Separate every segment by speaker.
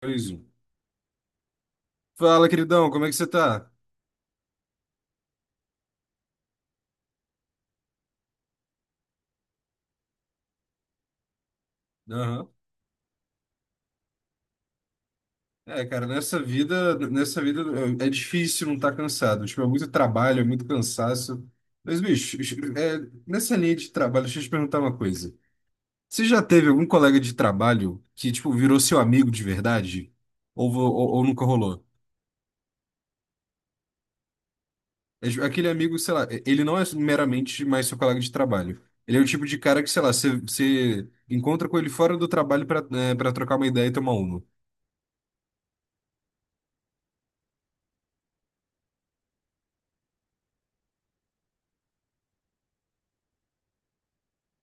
Speaker 1: Dois, um. Fala, queridão, como é que você tá? Aham. É, cara, nessa vida é difícil não estar cansado. Tipo, é muito trabalho, é muito cansaço. Mas, bicho, é, nessa linha de trabalho, deixa eu te perguntar uma coisa. Você já teve algum colega de trabalho que, tipo, virou seu amigo de verdade? Ou, ou nunca rolou? É, tipo, aquele amigo, sei lá, ele não é meramente mais seu colega de trabalho. Ele é o tipo de cara que, sei lá, você encontra com ele fora do trabalho para para trocar uma ideia e tomar uma.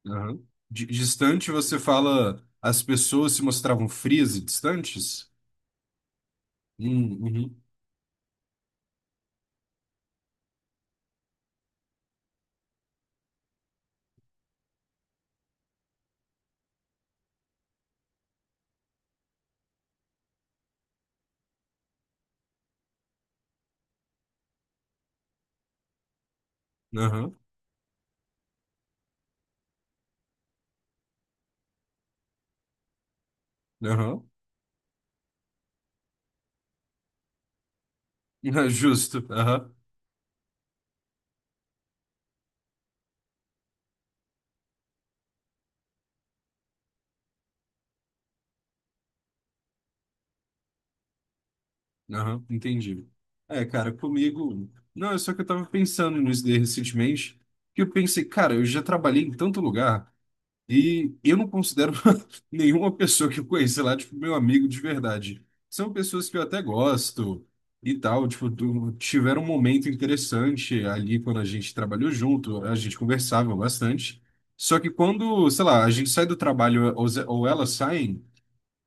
Speaker 1: Aham. Distante, você fala as pessoas se mostravam frias e distantes? Uhum. Aham, aham. Justo. Aham, aham. Entendi. É, cara, comigo. Não, é só que eu tava pensando nisso daí recentemente, que eu pensei, cara, eu já trabalhei em tanto lugar. E eu não considero nenhuma pessoa que eu conheci lá, tipo, meu amigo de verdade. São pessoas que eu até gosto e tal, tipo, tiveram um momento interessante ali quando a gente trabalhou junto, a gente conversava bastante. Só que quando, sei lá, a gente sai do trabalho ou, ou elas saem,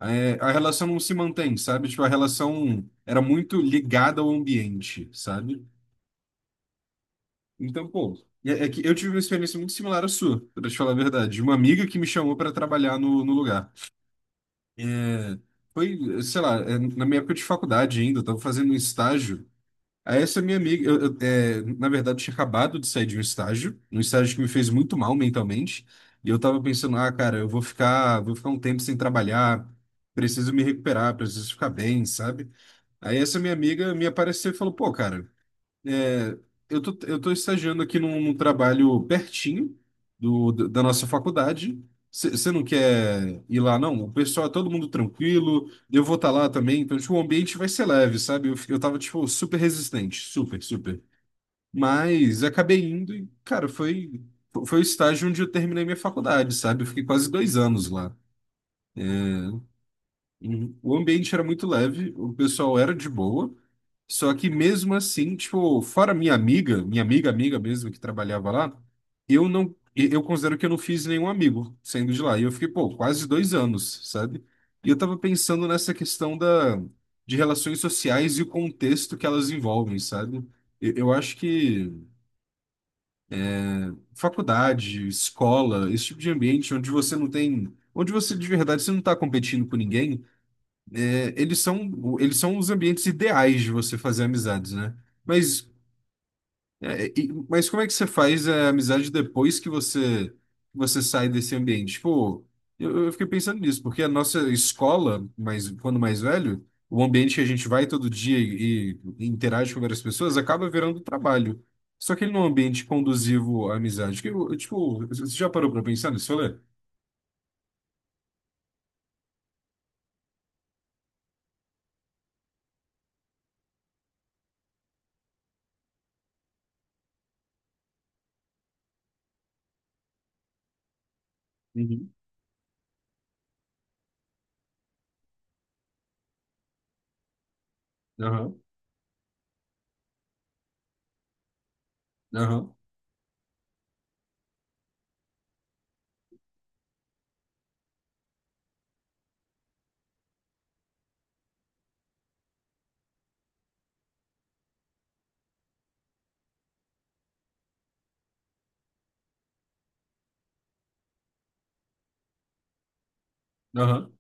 Speaker 1: a relação não se mantém, sabe? Tipo, a relação era muito ligada ao ambiente, sabe? Então, pô, é que eu tive uma experiência muito similar à sua, pra te falar a verdade. Uma amiga que me chamou para trabalhar no no lugar. É, foi, sei lá, é, na minha época de faculdade ainda, eu estava fazendo um estágio. Aí essa minha amiga, eu, é, na verdade, tinha acabado de sair de um estágio que me fez muito mal mentalmente. E eu tava pensando, ah, cara, vou ficar um tempo sem trabalhar, preciso me recuperar, preciso ficar bem, sabe? Aí essa minha amiga me apareceu e falou, pô, cara, é, eu tô estagiando aqui num, num trabalho pertinho do, da nossa faculdade. Você não quer ir lá, não? O pessoal é todo mundo tranquilo, eu vou estar lá também, então tipo, o ambiente vai ser leve, sabe? Eu, eu tava, tipo, super resistente, super. Mas acabei indo e, cara, foi o estágio onde eu terminei minha faculdade, sabe? Eu fiquei quase dois anos lá. Uhum. O ambiente era muito leve, o pessoal era de boa. Só que mesmo assim, tipo, fora minha amiga, amiga mesmo que trabalhava lá, eu considero que eu não fiz nenhum amigo saindo de lá. E eu fiquei, pô, quase dois anos, sabe? E eu tava pensando nessa questão da, de relações sociais e o contexto que elas envolvem, sabe? Eu acho que faculdade, escola, esse tipo de ambiente onde você não tem, onde você de verdade você não tá competindo com ninguém, eles são os ambientes ideais de você fazer amizades, né? Mas mas como é que você faz a amizade depois que você sai desse ambiente? Tipo, eu fiquei pensando nisso, porque a nossa escola, mas quando mais velho, o ambiente que a gente vai todo dia e interage com várias pessoas acaba virando trabalho. Só que ele não é um ambiente conduzivo à amizade. Tipo, você já parou pra pensar nisso, Olha? Uhum. Aham, aham, aham.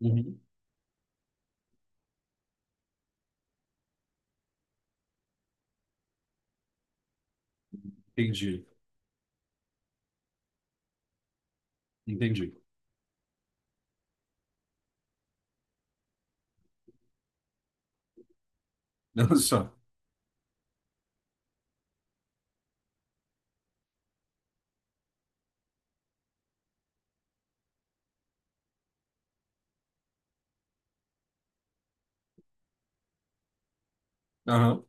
Speaker 1: Uhum. Entendi, entendi. só. Aham,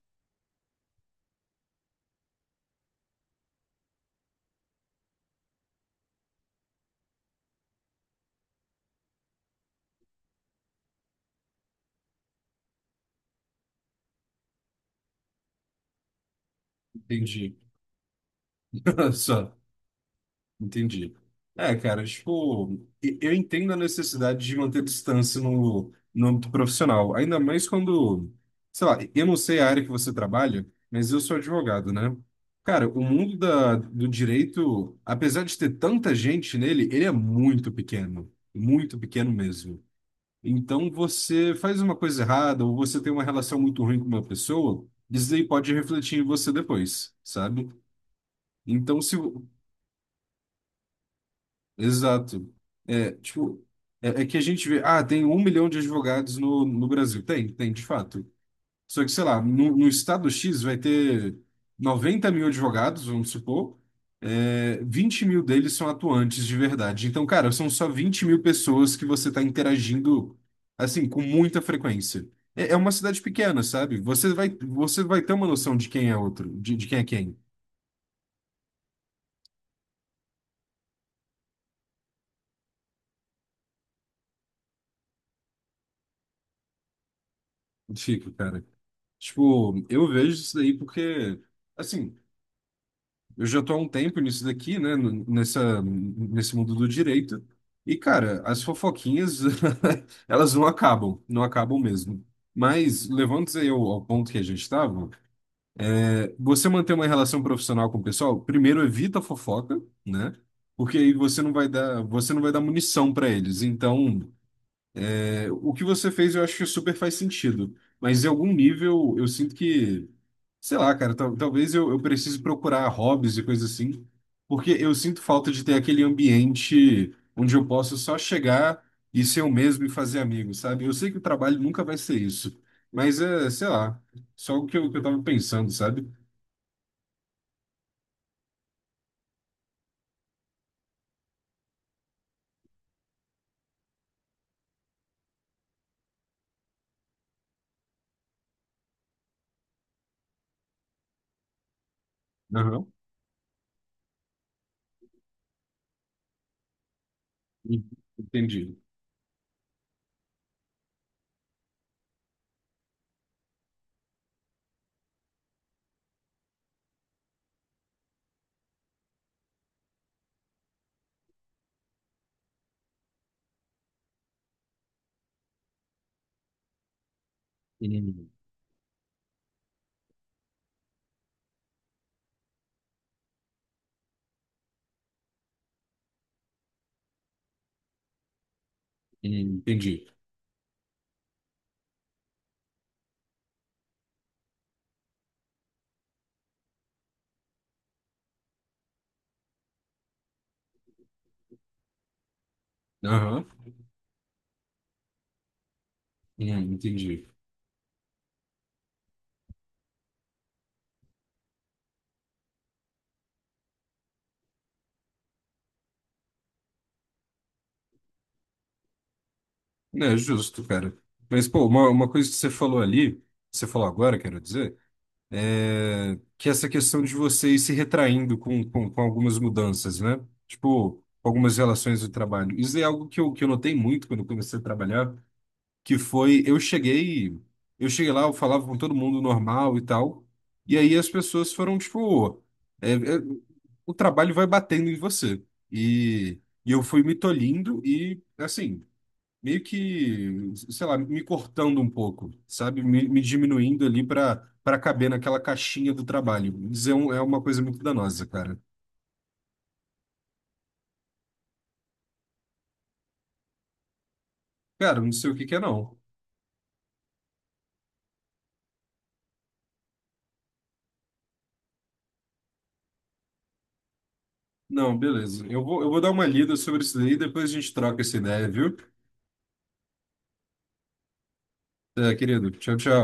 Speaker 1: entendi. Só. Entendi. É, cara, tipo, eu entendo a necessidade de manter distância no, no âmbito profissional, ainda mais quando, sei lá, eu não sei a área que você trabalha, mas eu sou advogado, né? Cara, o mundo da, do direito, apesar de ter tanta gente nele, ele é muito pequeno mesmo. Então, você faz uma coisa errada ou você tem uma relação muito ruim com uma pessoa, isso aí pode refletir em você depois, sabe? Então, se Exato. É, tipo, é que a gente vê, ah, tem um milhão de advogados no, no Brasil. Tem, tem, de fato. Só que, sei lá, no, no estado X vai ter 90 mil advogados, vamos supor, é, 20 mil deles são atuantes de verdade. Então, cara, são só 20 mil pessoas que você está interagindo, assim, com muita frequência. É, é uma cidade pequena, sabe? Você vai ter uma noção de quem é outro, de quem é quem. Fico cara. Tipo, eu vejo isso daí porque. Assim, eu já tô há um tempo nisso daqui, né? Nessa, nesse mundo do direito. E, cara, as fofoquinhas, elas não acabam, não acabam mesmo. Mas, levando-se aí ao, ao ponto que a gente estava, é, você manter uma relação profissional com o pessoal, primeiro evita a fofoca, né? Porque aí você não vai dar munição para eles. Então, o que você fez, eu acho que super faz sentido. Mas em algum nível, eu sinto que, sei lá, cara, talvez eu precise procurar hobbies e coisas assim, porque eu sinto falta de ter aquele ambiente onde eu posso só chegar e ser eu mesmo e fazer amigos, sabe? Eu sei que o trabalho nunca vai ser isso, mas é, sei lá, só o que que eu tava pensando, sabe? Aham. Entendi. Hum, Entendi. Aham. Entendi. É justo, cara. Mas, pô, uma coisa que você falou ali, você falou agora, quero dizer, é que essa questão de você ir se retraindo com, com algumas mudanças, né? Tipo, algumas relações do trabalho. Isso é algo que que eu notei muito quando eu comecei a trabalhar, que foi, eu cheguei lá, eu falava com todo mundo normal e tal, e aí as pessoas foram, tipo, é, é, o trabalho vai batendo em você. E eu fui me tolhindo e, assim meio que, sei lá, me cortando um pouco, sabe? Me diminuindo ali para para caber naquela caixinha do trabalho. É uma coisa muito danosa, cara. Cara, não sei o que que é não. Não, beleza. Eu vou dar uma lida sobre isso daí e depois a gente troca essa ideia, viu? É, querido, tchau, tchau.